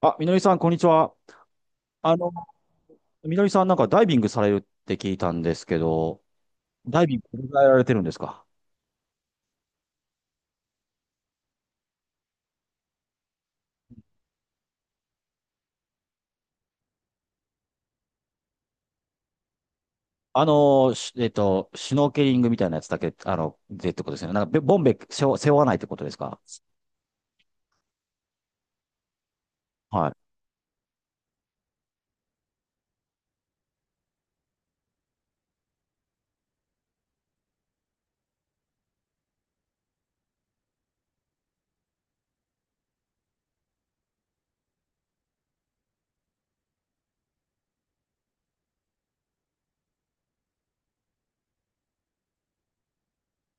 あ、みのりさん、こんにちは。あの、みのりさん、なんかダイビングされるって聞いたんですけど、ダイビングどれぐらいやられてるんですか？あの、しえっと、シュノーケリングみたいなやつだけ、でってことですよね。なんか、ボンベ背負わないってことですか？はい。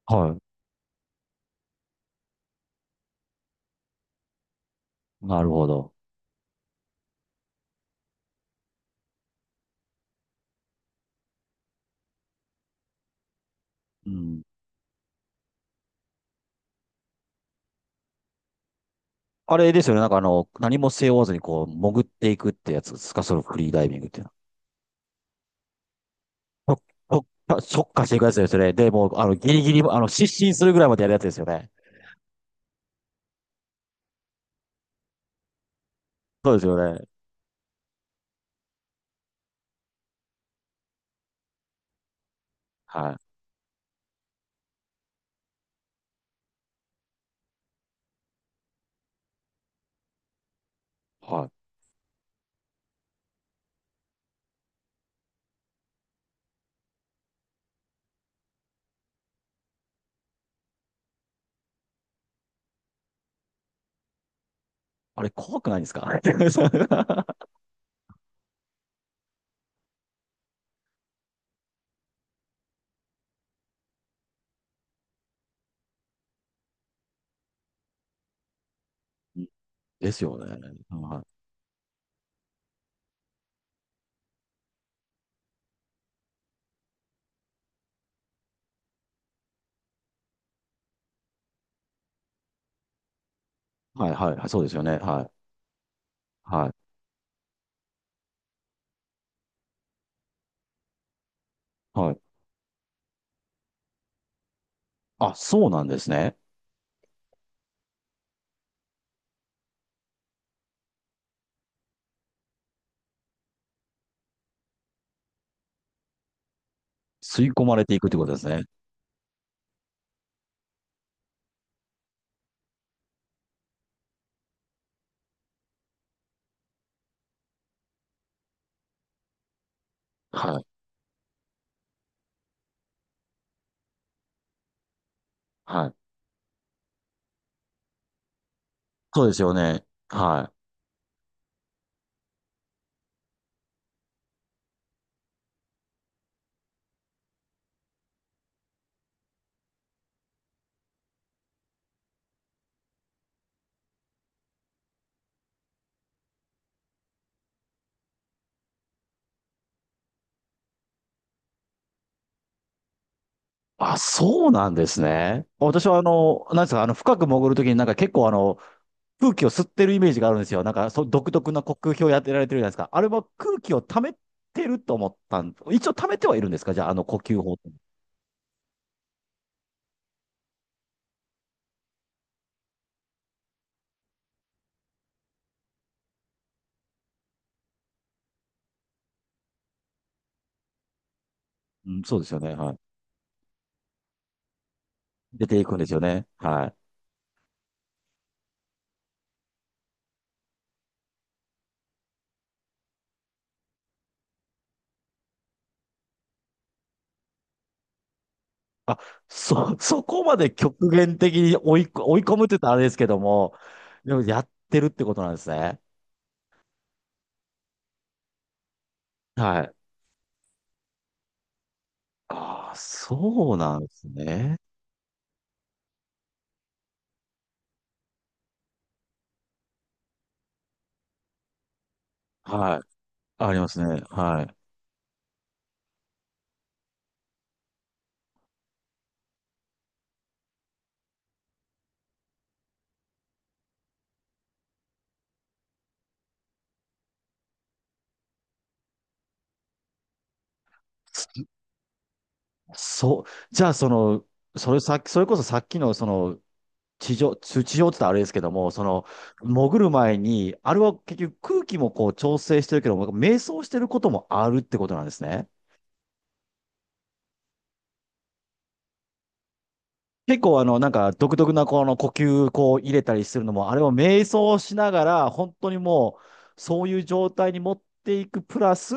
はい。なるほど。うん。あれですよね。なんか、何も背負わずに、こう、潜っていくってやつですか？そのフリーダイビングっていうのは。特特特化していくやつですよね。で、もう、ギリギリ、失神するぐらいまでやるやつですよね。そうですよね。はい。はい。あれ怖くないですか？ ですよね。はいはいはいはい。そうですよね。はい。はい。はい。あ、そうなんですね。吸い込まれていくってことですね。はい。はい。そうですよね。はい。あ、そうなんですね。私はなんですか、深く潜るときになんか結構空気を吸ってるイメージがあるんですよ。なんか、そう、独特な呼吸法やってられてるじゃないですか。あれは空気を溜めてると思ったん、一応溜めてはいるんですか？じゃあ、あの呼吸法って。うん、そうですよね。はい。出ていくんですよね。はい。あ、そこまで極限的に追い込むって言ったらあれですけども、でもやってるってことなんですね。はい。ああ、そうなんですね。はい。ありますね。はい。そう、じゃあその、それこそさっきのその、地上、地上って言ったらあれですけども、その、潜る前に、あれは結局空気もこう調整してるけども、瞑想してることもあるってことなんですね。結構なんか独特なこの呼吸こう入れたりするのも、あれを瞑想しながら、本当にもう、そういう状態に持っていくプラス、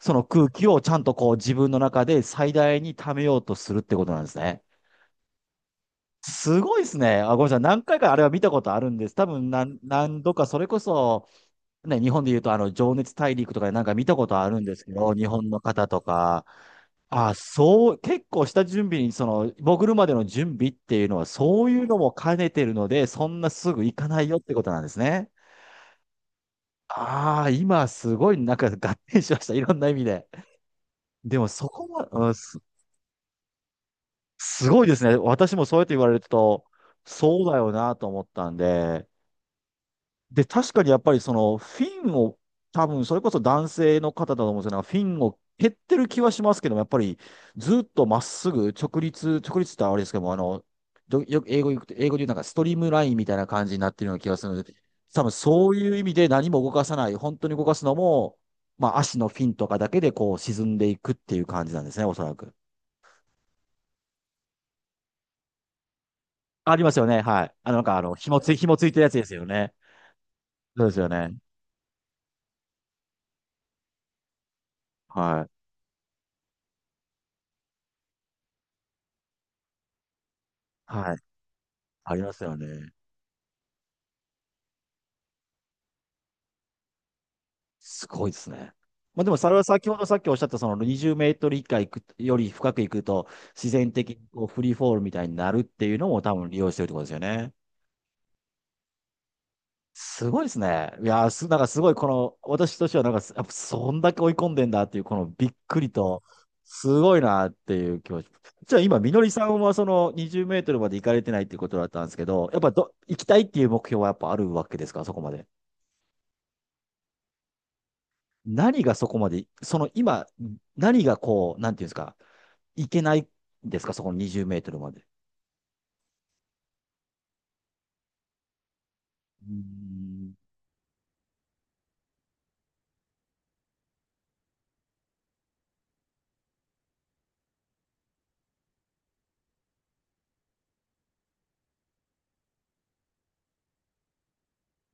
その空気をちゃんとこう自分の中で最大に溜めようとするってことなんですね。すごいですね。あ、ごめんなさい。何回かあれは見たことあるんです。多分何度か、それこそ、ね、日本で言うと、情熱大陸とかでなんか見たことあるんですけど、日本の方とか、あ、そう、結構下準備に、その、潜るまでの準備っていうのは、そういうのも兼ねてるので、そんなすぐ行かないよってことなんですね。ああ、今すごいなんか合点しました。いろんな意味で。でもそこは、うん、すごいですね。私もそうやって言われると、そうだよなと思ったんで、で、確かにやっぱりそのフィンを、多分それこそ男性の方だと思うんですよね。フィンを蹴ってる気はしますけども、やっぱりずっとまっすぐ直立、直立ってあれですけども、よく英語で言うなんかストリームラインみたいな感じになってるような気がするので、多分そういう意味で何も動かさない、本当に動かすのも、まあ足のフィンとかだけでこう沈んでいくっていう感じなんですね、おそらく。ありますよね、はい。紐ついてるやつですよね。そうですよね。はい。はい。ありますよね。すごいですね。まあでもそれは先ほどさっきおっしゃったその20メートル以下行くより深く行くと自然的にこうフリーフォールみたいになるっていうのも多分利用してるってことですよね。すごいですね。いやーす、なんかすごい、この私としてはなんかやっぱそんだけ追い込んでんだっていうこのびっくりとすごいなっていう気持ち。じゃあ今みのりさんはその20メートルまで行かれてないっていうことだったんですけど、やっぱ行きたいっていう目標はやっぱあるわけですか？そこまで。何がそこまで、その今、何がこう、なんていうんですか、行けないんですか？そこの20メートルまで。うーん。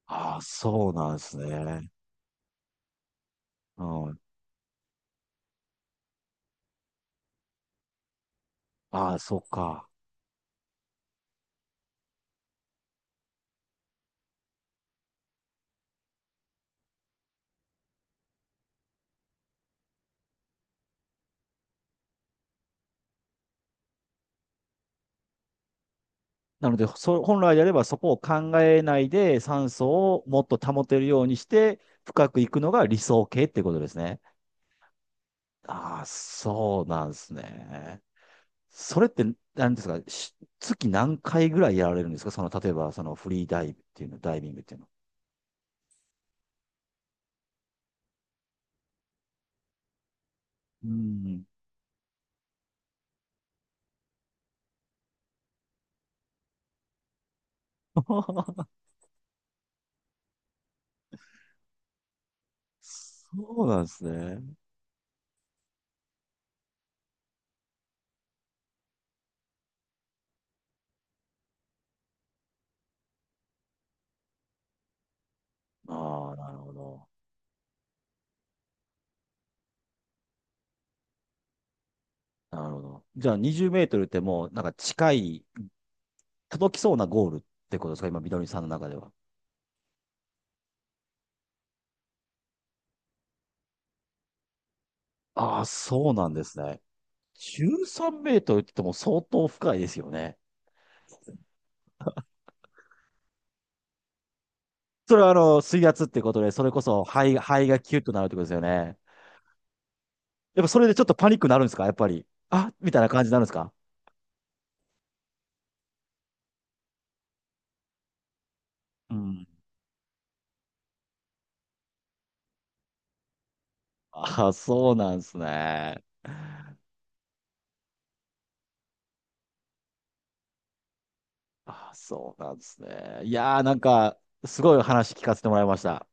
ああ、そうなんですね。うん。ああ、そうか。なので、本来であればそこを考えないで酸素をもっと保てるようにして深く行くのが理想形ってことですね。ああ、そうなんですね。それって何ですか？月何回ぐらいやられるんですか？その、例えばそのフリーダイブっていうの、ダイビングっていうの。うん。 そうなんですね。ああ、なるほど。なるほど。じゃあ20メートルってもうなんか近い、届きそうなゴールってことですか？今、みどりさんの中では。ああ、そうなんですね。13メートルって言っても相当深いですよね。それは水圧ってことで、それこそ肺がキュッとなるってことですよね。やっぱそれでちょっとパニックになるんですか？やっぱり。あ、みたいな感じになるんですか？うん。ああ、そうなんですね。ああ、そうなんですね。いやー、なんか、すごい話聞かせてもらいました。